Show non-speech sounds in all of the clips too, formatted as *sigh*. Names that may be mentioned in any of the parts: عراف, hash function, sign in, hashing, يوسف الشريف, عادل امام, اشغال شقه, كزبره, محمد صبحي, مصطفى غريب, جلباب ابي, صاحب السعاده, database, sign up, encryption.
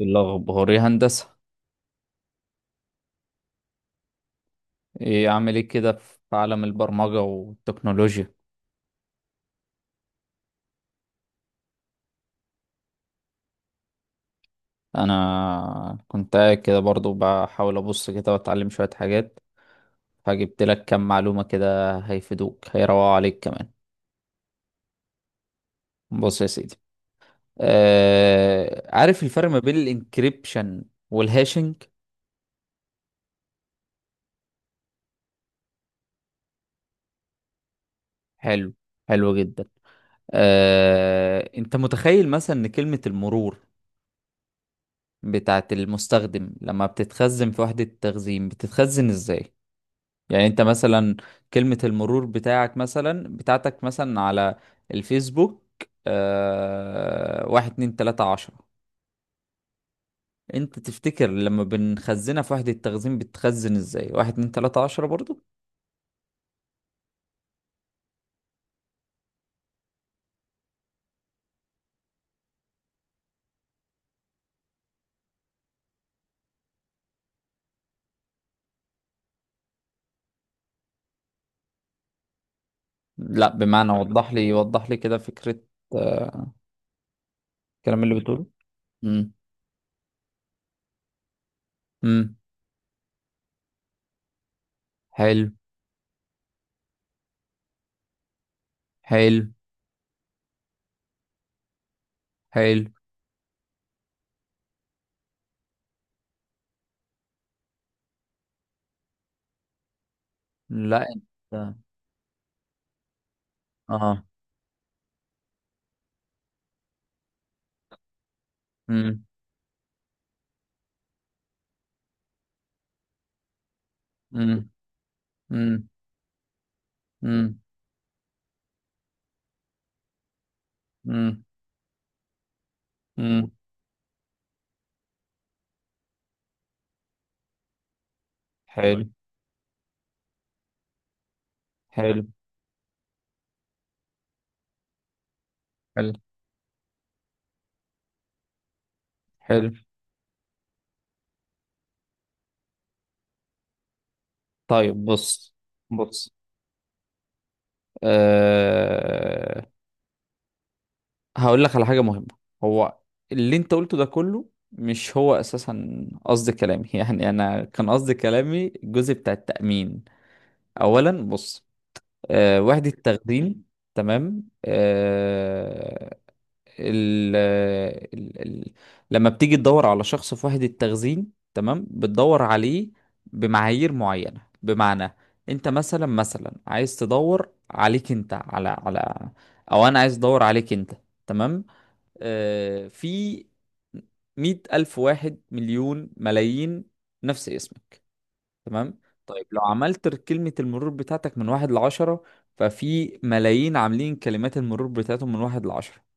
الأخباري هندسة، إيه أعمل إيه كده في عالم البرمجة والتكنولوجيا؟ أنا كنت قاعد كده برضو بحاول أبص كده وأتعلم شوية حاجات. فجبت لك كام معلومة كده، هيفيدوك، هيروقوا عليك كمان. بص يا سيدي. آه، عارف الفرق ما بين الانكريبشن والهاشنج؟ حلو، حلو جدا. آه، أنت متخيل مثلا إن كلمة المرور بتاعت المستخدم لما بتتخزن في وحدة التخزين بتتخزن إزاي؟ يعني انت مثلا، كلمة المرور بتاعك مثلا، بتاعتك مثلا، على الفيسبوك. واحد اتنين تلاتة عشرة. انت تفتكر لما بنخزنها في وحدة التخزين بتخزن ازاي؟ واحد اتنين تلاتة عشرة برضو؟ لا، بمعنى، وضح لي وضح لي كده فكرة. آه... الكلام اللي بتقوله. امم امم حلو، حلو، حلو. لا، انت. اه امم امم امم امم امم حلو، حلو، حلو، حلو. طيب، بص، بص. أه... هقول لك على حاجة مهمة. هو اللي انت قلته ده كله مش هو اساسا قصد كلامي. *laughs* يعني انا كان قصد كلامي الجزء بتاع التأمين. اولا، بص. وحدة تخزين، تمام. ال ال ال لما بتيجي تدور على شخص في وحدة تخزين، تمام، بتدور عليه بمعايير معينة، بمعنى، انت مثلا، عايز تدور عليك انت، على، او انا عايز ادور عليك انت، تمام. آه، في مية ألف، واحد مليون، ملايين نفس اسمك، تمام. طيب، لو عملت كلمة المرور بتاعتك من واحد لعشرة، ففي ملايين عاملين كلمات المرور بتاعتهم من واحد لعشرة.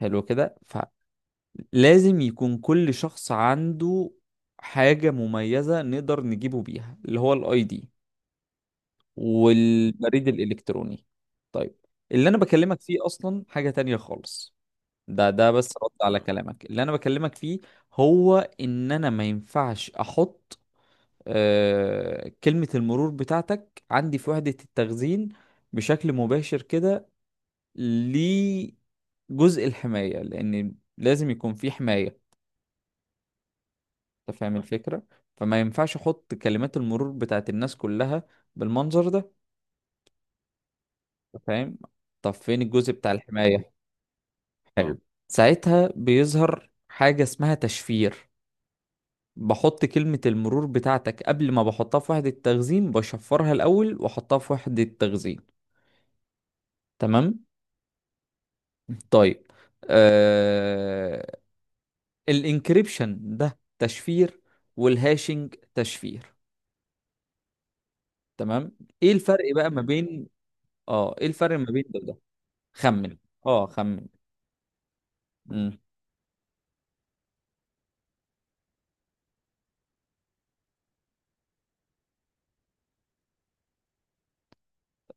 حلو كده، لازم يكون كل شخص عنده حاجة مميزة نقدر نجيبه بيها، اللي هو الاي دي والبريد الالكتروني. طيب، اللي انا بكلمك فيه اصلا حاجة تانية خالص. ده بس رد على كلامك اللي انا بكلمك فيه. هو ان انا ما ينفعش احط كلمة المرور بتاعتك عندي في وحدة التخزين بشكل مباشر كده، لجزء الحماية، لان لازم يكون في حماية. انت فاهم الفكرة؟ فما ينفعش احط كلمات المرور بتاعت الناس كلها بالمنظر ده. انت فاهم؟ طب فين الجزء بتاع الحماية؟ حلو. ساعتها بيظهر حاجة اسمها تشفير، بحط كلمة المرور بتاعتك قبل ما بحطها في وحدة تخزين، بشفرها الأول وأحطها في وحدة تخزين، تمام. طيب. آه... الانكريبشن ده تشفير، والهاشing تشفير، تمام. ايه الفرق بقى ما بين اه ايه الفرق ما بين ده وده؟ خمن. اه، خمن. مم.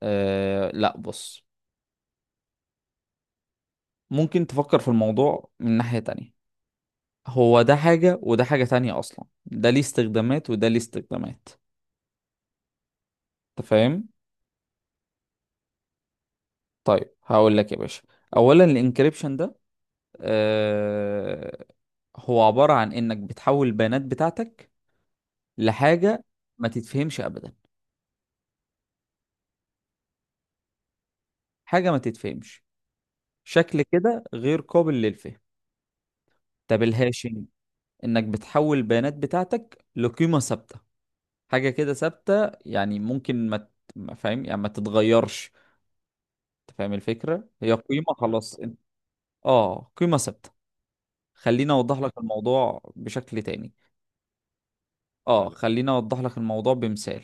آه، لا. بص، ممكن تفكر في الموضوع من ناحية تانية. هو ده حاجة وده حاجة تانية، أصلا ده ليه استخدامات وده ليه استخدامات. أنت فاهم؟ طيب، هقول لك يا باشا. أولا، الإنكريبشن ده، آه هو عبارة عن إنك بتحول البيانات بتاعتك لحاجة ما تتفهمش أبدا. حاجة ما تتفهمش، شكل كده غير قابل للفهم. طب الهاشing، إنك بتحول البيانات بتاعتك لقيمة ثابتة. حاجة كده ثابتة، يعني ممكن ما فاهم، يعني ما تتغيرش. انت فاهم الفكرة؟ هي قيمة، خلاص، انت. اه، قيمة ثابتة. خليني اوضح لك الموضوع بشكل تاني. اه، خليني اوضح لك الموضوع بمثال.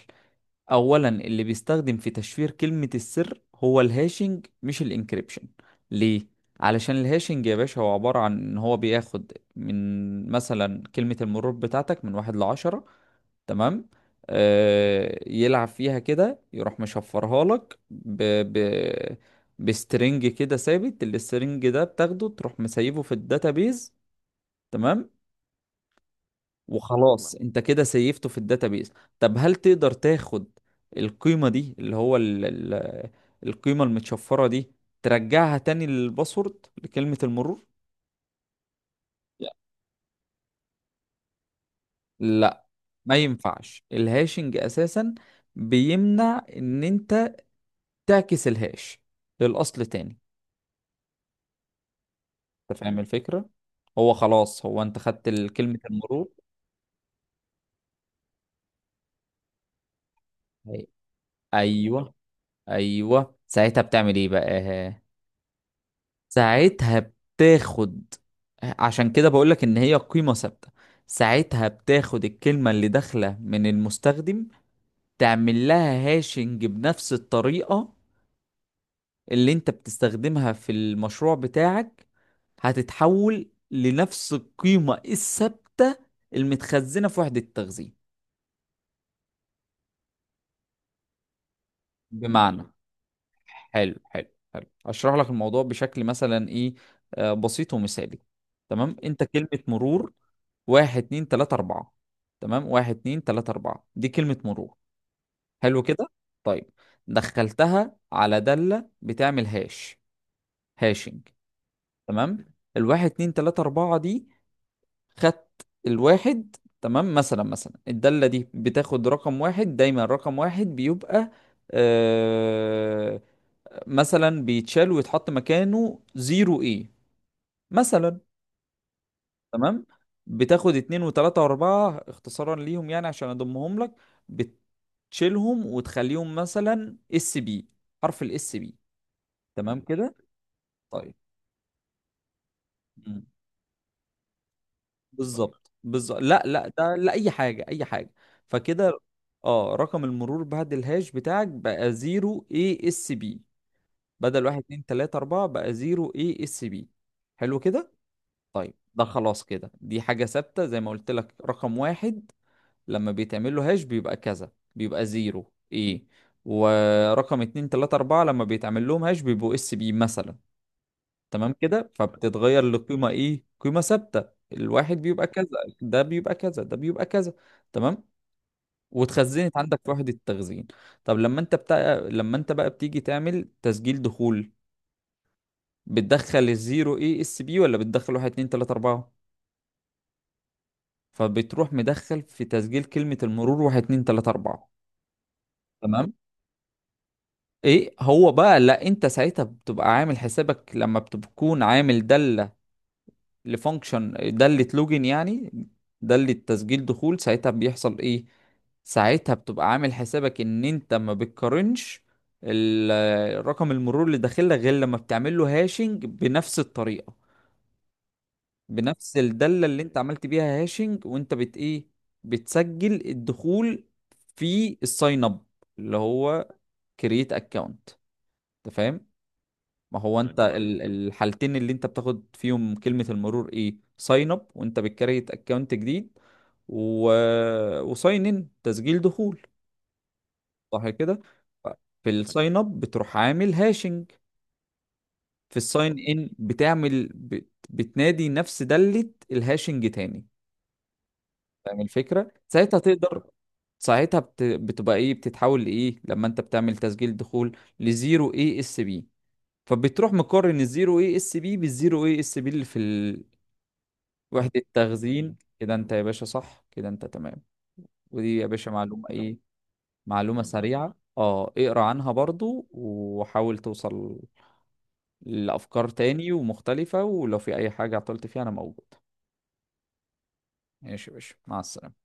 اولا، اللي بيستخدم في تشفير كلمة السر هو الهاشنج، مش الانكريبشن. ليه؟ علشان الهاشنج يا باشا، هو عبارة عن ان هو بياخد من مثلا كلمة المرور بتاعتك من واحد لعشرة، تمام. يلعب فيها كده، يروح مشفرها لك ب... بسترنج كده ثابت. السترنج ده بتاخده تروح مسيبه في الداتابيز، تمام. وخلاص، انت كده سيفته في الداتابيز. طب، هل تقدر تاخد القيمة دي، اللي هو ال... القيمة المتشفرة دي، ترجعها تاني للباسورد، لكلمة المرور؟ لا، ما ينفعش. الهاشنج اساسا بيمنع ان انت تعكس الهاش للأصل تاني. أنت فاهم الفكرة؟ هو خلاص، هو أنت خدت كلمة المرور. أي- أيوه، أيوه. ساعتها بتعمل إيه بقى؟ ساعتها بتاخد عشان كده بقولك إن هي قيمة ثابتة. ساعتها بتاخد الكلمة اللي داخلة من المستخدم، تعمل لها هاشنج بنفس الطريقة اللي انت بتستخدمها في المشروع بتاعك، هتتحول لنفس القيمة الثابتة المتخزنة في وحدة التخزين. بمعنى جميل. حلو، حلو، حلو. هشرح لك الموضوع بشكل مثلا ايه؟ آه، بسيط ومثالي. تمام، انت كلمة مرور واحد اتنين تلاتة أربعة. تمام، واحد اتنين تلاتة أربعة دي كلمة مرور، حلو كده، طيب. دخلتها على دالة بتعمل هاش، هاشنج، تمام. الواحد اتنين تلاتة أربعة دي، خدت الواحد، تمام. مثلا، الدالة دي بتاخد رقم واحد دايما. رقم واحد بيبقى آه مثلا بيتشال ويتحط مكانه زيرو ايه مثلا، تمام. بتاخد اتنين وتلاتة واربعة اختصارا ليهم، يعني عشان اضمهم لك، بتشيلهم وتخليهم مثلا اس بي. حرف الاس بي، تمام كده، طيب. بالظبط، بالظبط. لا، لا، ده لا. اي حاجه، اي حاجه. فكده، اه، رقم المرور بعد الهاش بتاعك بقى 0 اي اس بي، بدل 1 2 3 4 بقى 0 اي اس بي. حلو كده، طيب. ده خلاص كده، دي حاجه ثابته زي ما قلت لك. رقم واحد لما بيتعمل له هاش بيبقى كذا، بيبقى 0 اي. ورقم 2 3 4 لما بيتعمل لهم هاش بيبقوا اس بي مثلا. تمام كده، فبتتغير لقيمة ايه؟ قيمة ثابتة. الواحد بيبقى كذا، ده بيبقى كذا، ده بيبقى كذا، تمام. واتخزنت عندك في وحدة التخزين. طب لما انت بقى بتيجي تعمل تسجيل دخول، بتدخل الزيرو ايه اس بي ولا بتدخل واحد اتنين تلاتة اربعة؟ فبتروح مدخل في تسجيل كلمة المرور واحد اتنين تلاتة اربعة، تمام. ايه هو بقى؟ لا، انت ساعتها بتبقى عامل حسابك لما بتكون عامل دالة، لفانكشن، دالة لوجن يعني، دالة تسجيل دخول. ساعتها بيحصل ايه؟ ساعتها بتبقى عامل حسابك ان انت ما بتقارنش رقم المرور اللي داخل لك، غير لما بتعمل له هاشنج بنفس الطريقة، بنفس الدالة اللي انت عملت بيها هاشنج. وانت ايه؟ بتسجل الدخول في الساين اب، اللي هو كرييت اكونت. انت فاهم؟ ما هو انت يعني الحالتين اللي انت بتاخد فيهم كلمة المرور ايه: ساين اب وانت بتكريت اكونت جديد، و... وساين ان تسجيل دخول، صح كده؟ في الساين اب بتروح عامل هاشنج. في الساين ان بتعمل بتنادي نفس دالة الهاشنج تاني. فاهم الفكرة؟ ساعتها تقدر. ساعتها بتبقى ايه؟ بتتحول لايه لما انت بتعمل تسجيل دخول لزيرو اي اس بي؟ فبتروح مقارن الزيرو اي اس بي بالزيرو اي اس بي اللي في وحدة تخزين، كده انت يا باشا، صح كده، انت تمام. ودي يا باشا معلومة ايه؟ معلومة سريعة. اه، اقرا عنها برضو، وحاول توصل لأفكار تاني ومختلفة، ولو في أي حاجة عطلت فيها أنا موجود. ماشي يا باشا، مع السلامة.